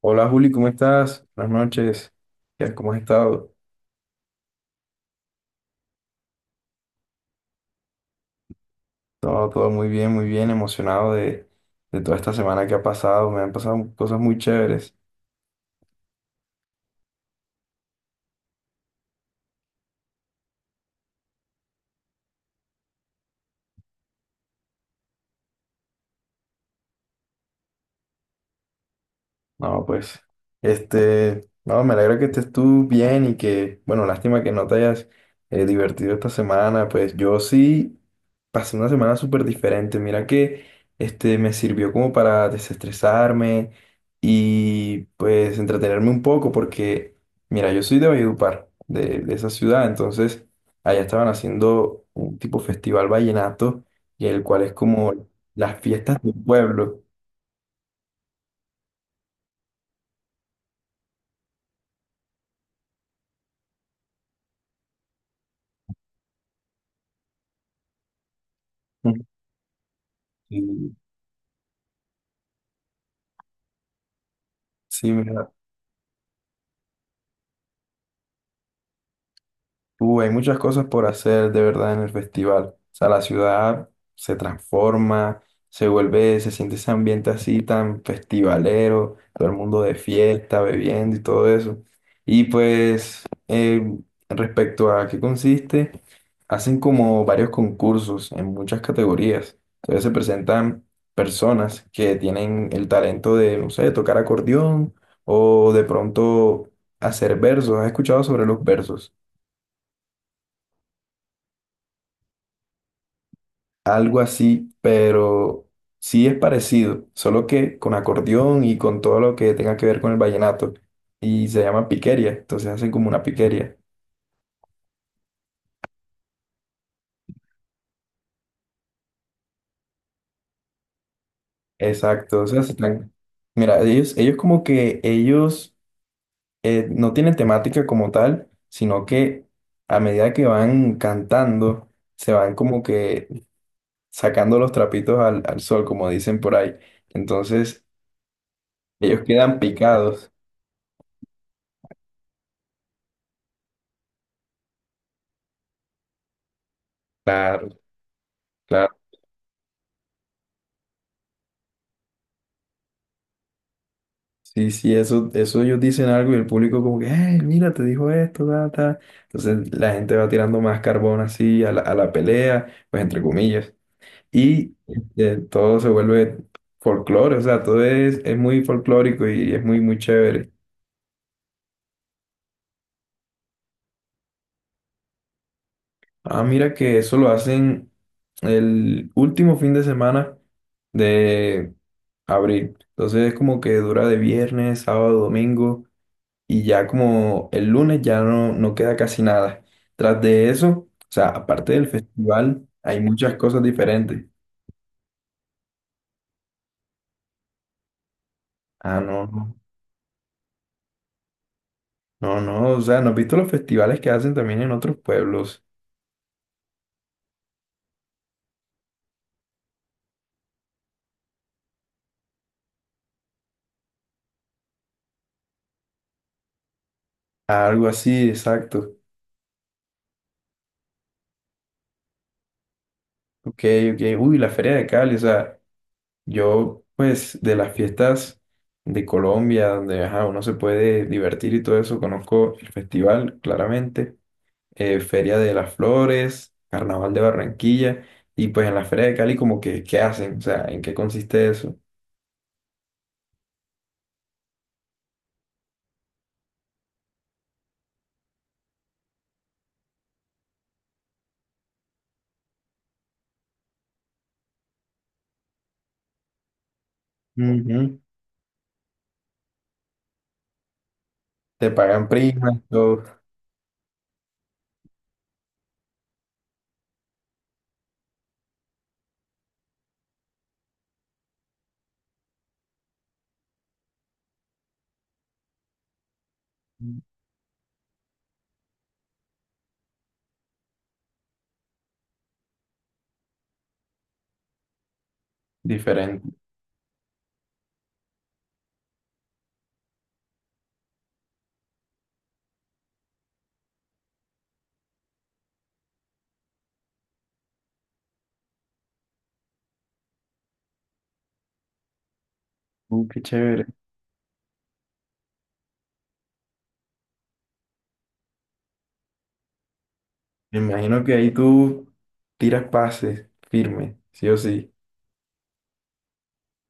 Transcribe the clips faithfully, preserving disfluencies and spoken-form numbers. Hola Juli, ¿cómo estás? Buenas noches. ¿Qué- ¿Cómo has estado? Todo, todo muy bien, muy bien, emocionado de, de toda esta semana que ha pasado. Me han pasado cosas muy chéveres. No, pues, este, no, me alegra que estés tú bien y que, bueno, lástima que no te hayas eh, divertido esta semana, pues yo sí pasé una semana súper diferente, mira que, este, me sirvió como para desestresarme y pues entretenerme un poco porque, mira, yo soy de Valledupar, de, de esa ciudad, entonces allá estaban haciendo un tipo festival vallenato y el cual es como las fiestas del pueblo. Y, sí, mira. Uh, hay muchas cosas por hacer de verdad en el festival. O sea, la ciudad se transforma, se vuelve, se siente ese ambiente así tan festivalero, todo el mundo de fiesta, bebiendo y todo eso. Y pues, eh, respecto a qué consiste, hacen como varios concursos en muchas categorías. Entonces se presentan personas que tienen el talento de, no sé, tocar acordeón o de pronto hacer versos. ¿Has escuchado sobre los versos? Algo así, pero sí es parecido, solo que con acordeón y con todo lo que tenga que ver con el vallenato. Y se llama piquería, entonces hacen como una piquería. Exacto, o sea, se están... Mira, ellos, ellos como que ellos eh, no tienen temática como tal, sino que a medida que van cantando, se van como que sacando los trapitos al, al sol, como dicen por ahí. Entonces, ellos quedan picados. Claro, claro. Sí, sí, eso, eso ellos dicen algo y el público como que, hey, mira, te dijo esto, ta, ta". Entonces la gente va tirando más carbón así a la, a la pelea, pues entre comillas. Y este, todo se vuelve folclore, o sea, todo es, es muy folclórico y es muy, muy chévere. Ah, mira que eso lo hacen el último fin de semana de abril. Entonces es como que dura de viernes, sábado, domingo. Y ya como el lunes ya no, no queda casi nada. Tras de eso, o sea, aparte del festival, hay muchas cosas diferentes. Ah, no, no, no, no, o sea, ¿no has visto los festivales que hacen también en otros pueblos? Algo así, exacto. Ok, ok, uy, la Feria de Cali, o sea, yo, pues, de las fiestas de Colombia, donde, ajá, uno se puede divertir y todo eso, conozco el festival, claramente eh, Feria de las Flores, Carnaval de Barranquilla, y pues en la Feria de Cali como que, ¿qué hacen? O sea, ¿en qué consiste eso? Ujú. Te pagan primas, todo diferente. Uh, qué chévere. Me imagino que ahí tú tiras pases firme, sí o sí.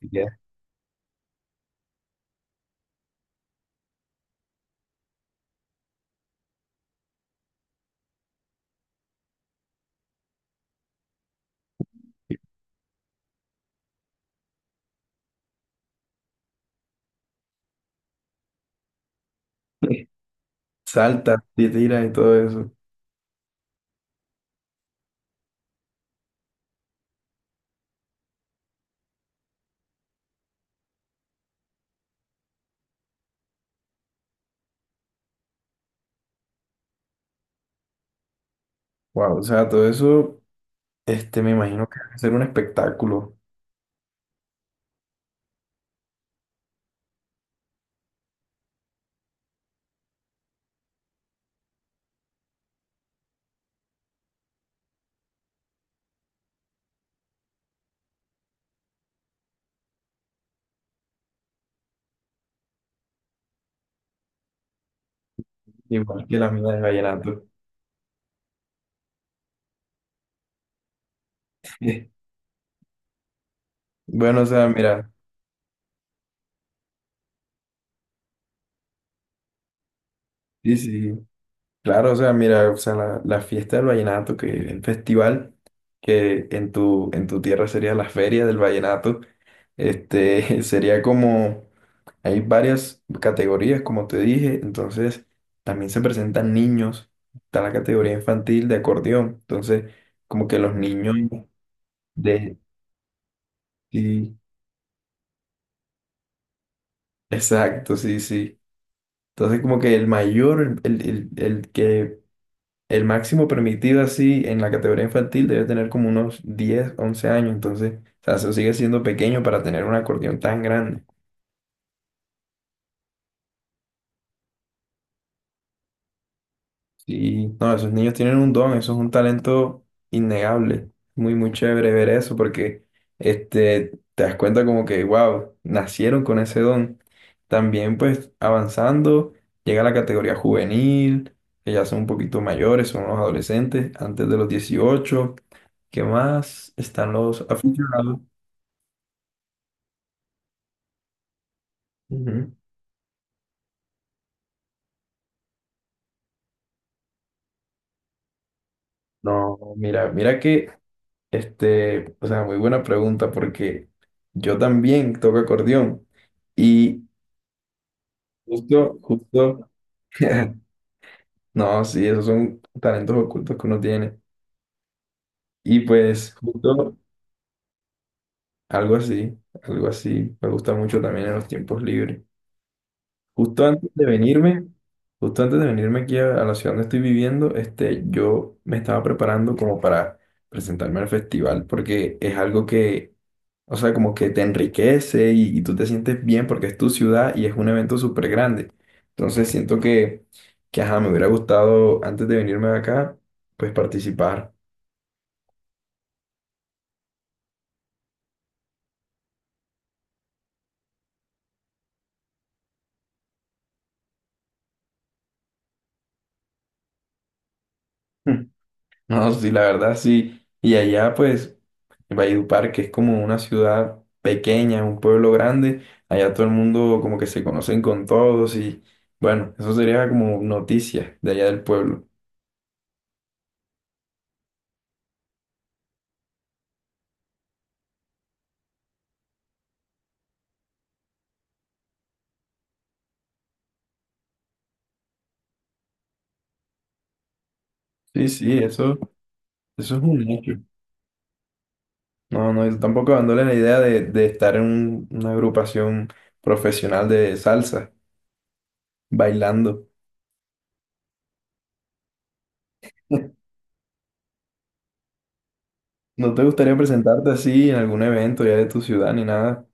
Te quedas firme. Saltas, te tiras y todo eso. Wow, o sea, todo eso, este, me imagino que va a ser un espectáculo, igual que la mina de vallenato. Bueno, o sea, mira, sí, sí. Claro, o sea, mira, o sea, la, la fiesta del vallenato, que el festival que en tu, en tu tierra sería la feria del vallenato, este, sería como, hay varias categorías, como te dije, entonces también se presentan niños, está la categoría infantil de acordeón, entonces como que los niños de... Sí, exacto, sí, sí. Entonces como que el mayor, el, el, el el que el máximo permitido así en la categoría infantil debe tener como unos diez u once años, entonces, o sea, eso sigue siendo pequeño para tener un acordeón tan grande. Y no, esos niños tienen un don, eso es un talento innegable. Muy, muy chévere ver eso porque este, te das cuenta como que, wow, nacieron con ese don. También pues avanzando, llega la categoría juvenil, que ya son un poquito mayores, son los adolescentes, antes de los dieciocho. ¿Qué más? Están los aficionados. Ujú. No, mira, mira que, este, o sea, muy buena pregunta porque yo también toco acordeón y justo, justo, no, sí, esos son talentos ocultos que uno tiene. Y pues justo algo así, algo así, me gusta mucho también en los tiempos libres. Justo antes de venirme, justo antes de venirme aquí a, a la ciudad donde estoy viviendo, este, yo me estaba preparando como para presentarme al festival porque es algo que, o sea, como que te enriquece y, y tú te sientes bien porque es tu ciudad y es un evento súper grande. Entonces siento que, que, ajá, me hubiera gustado antes de venirme de acá, pues participar. No, sí, la verdad sí. Y allá, pues, en Valledupar, que es como una ciudad pequeña, un pueblo grande, allá todo el mundo como que se conocen con todos y bueno, eso sería como noticia de allá del pueblo. Sí, sí, eso, eso es un hecho. No, no, yo tampoco dándole la idea de, de estar en un- una agrupación profesional de salsa, bailando. ¿No te gustaría presentarte así en algún evento ya de tu ciudad ni nada?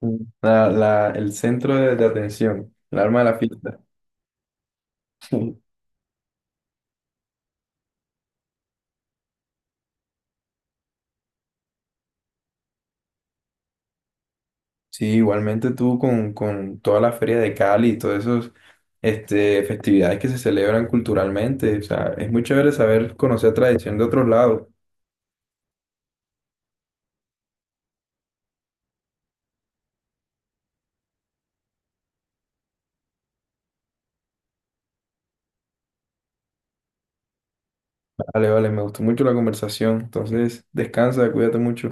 Mm. La, la- el centro de, de atención, el alma de la fiesta. Sí, sí, igualmente tú con, con toda la feria de Cali y todas esas este, festividades que se celebran culturalmente. O sea, es muy chévere saber conocer tradición de otros lados. Vale, vale, me gustó mucho la conversación. Entonces, descansa, cuídate mucho.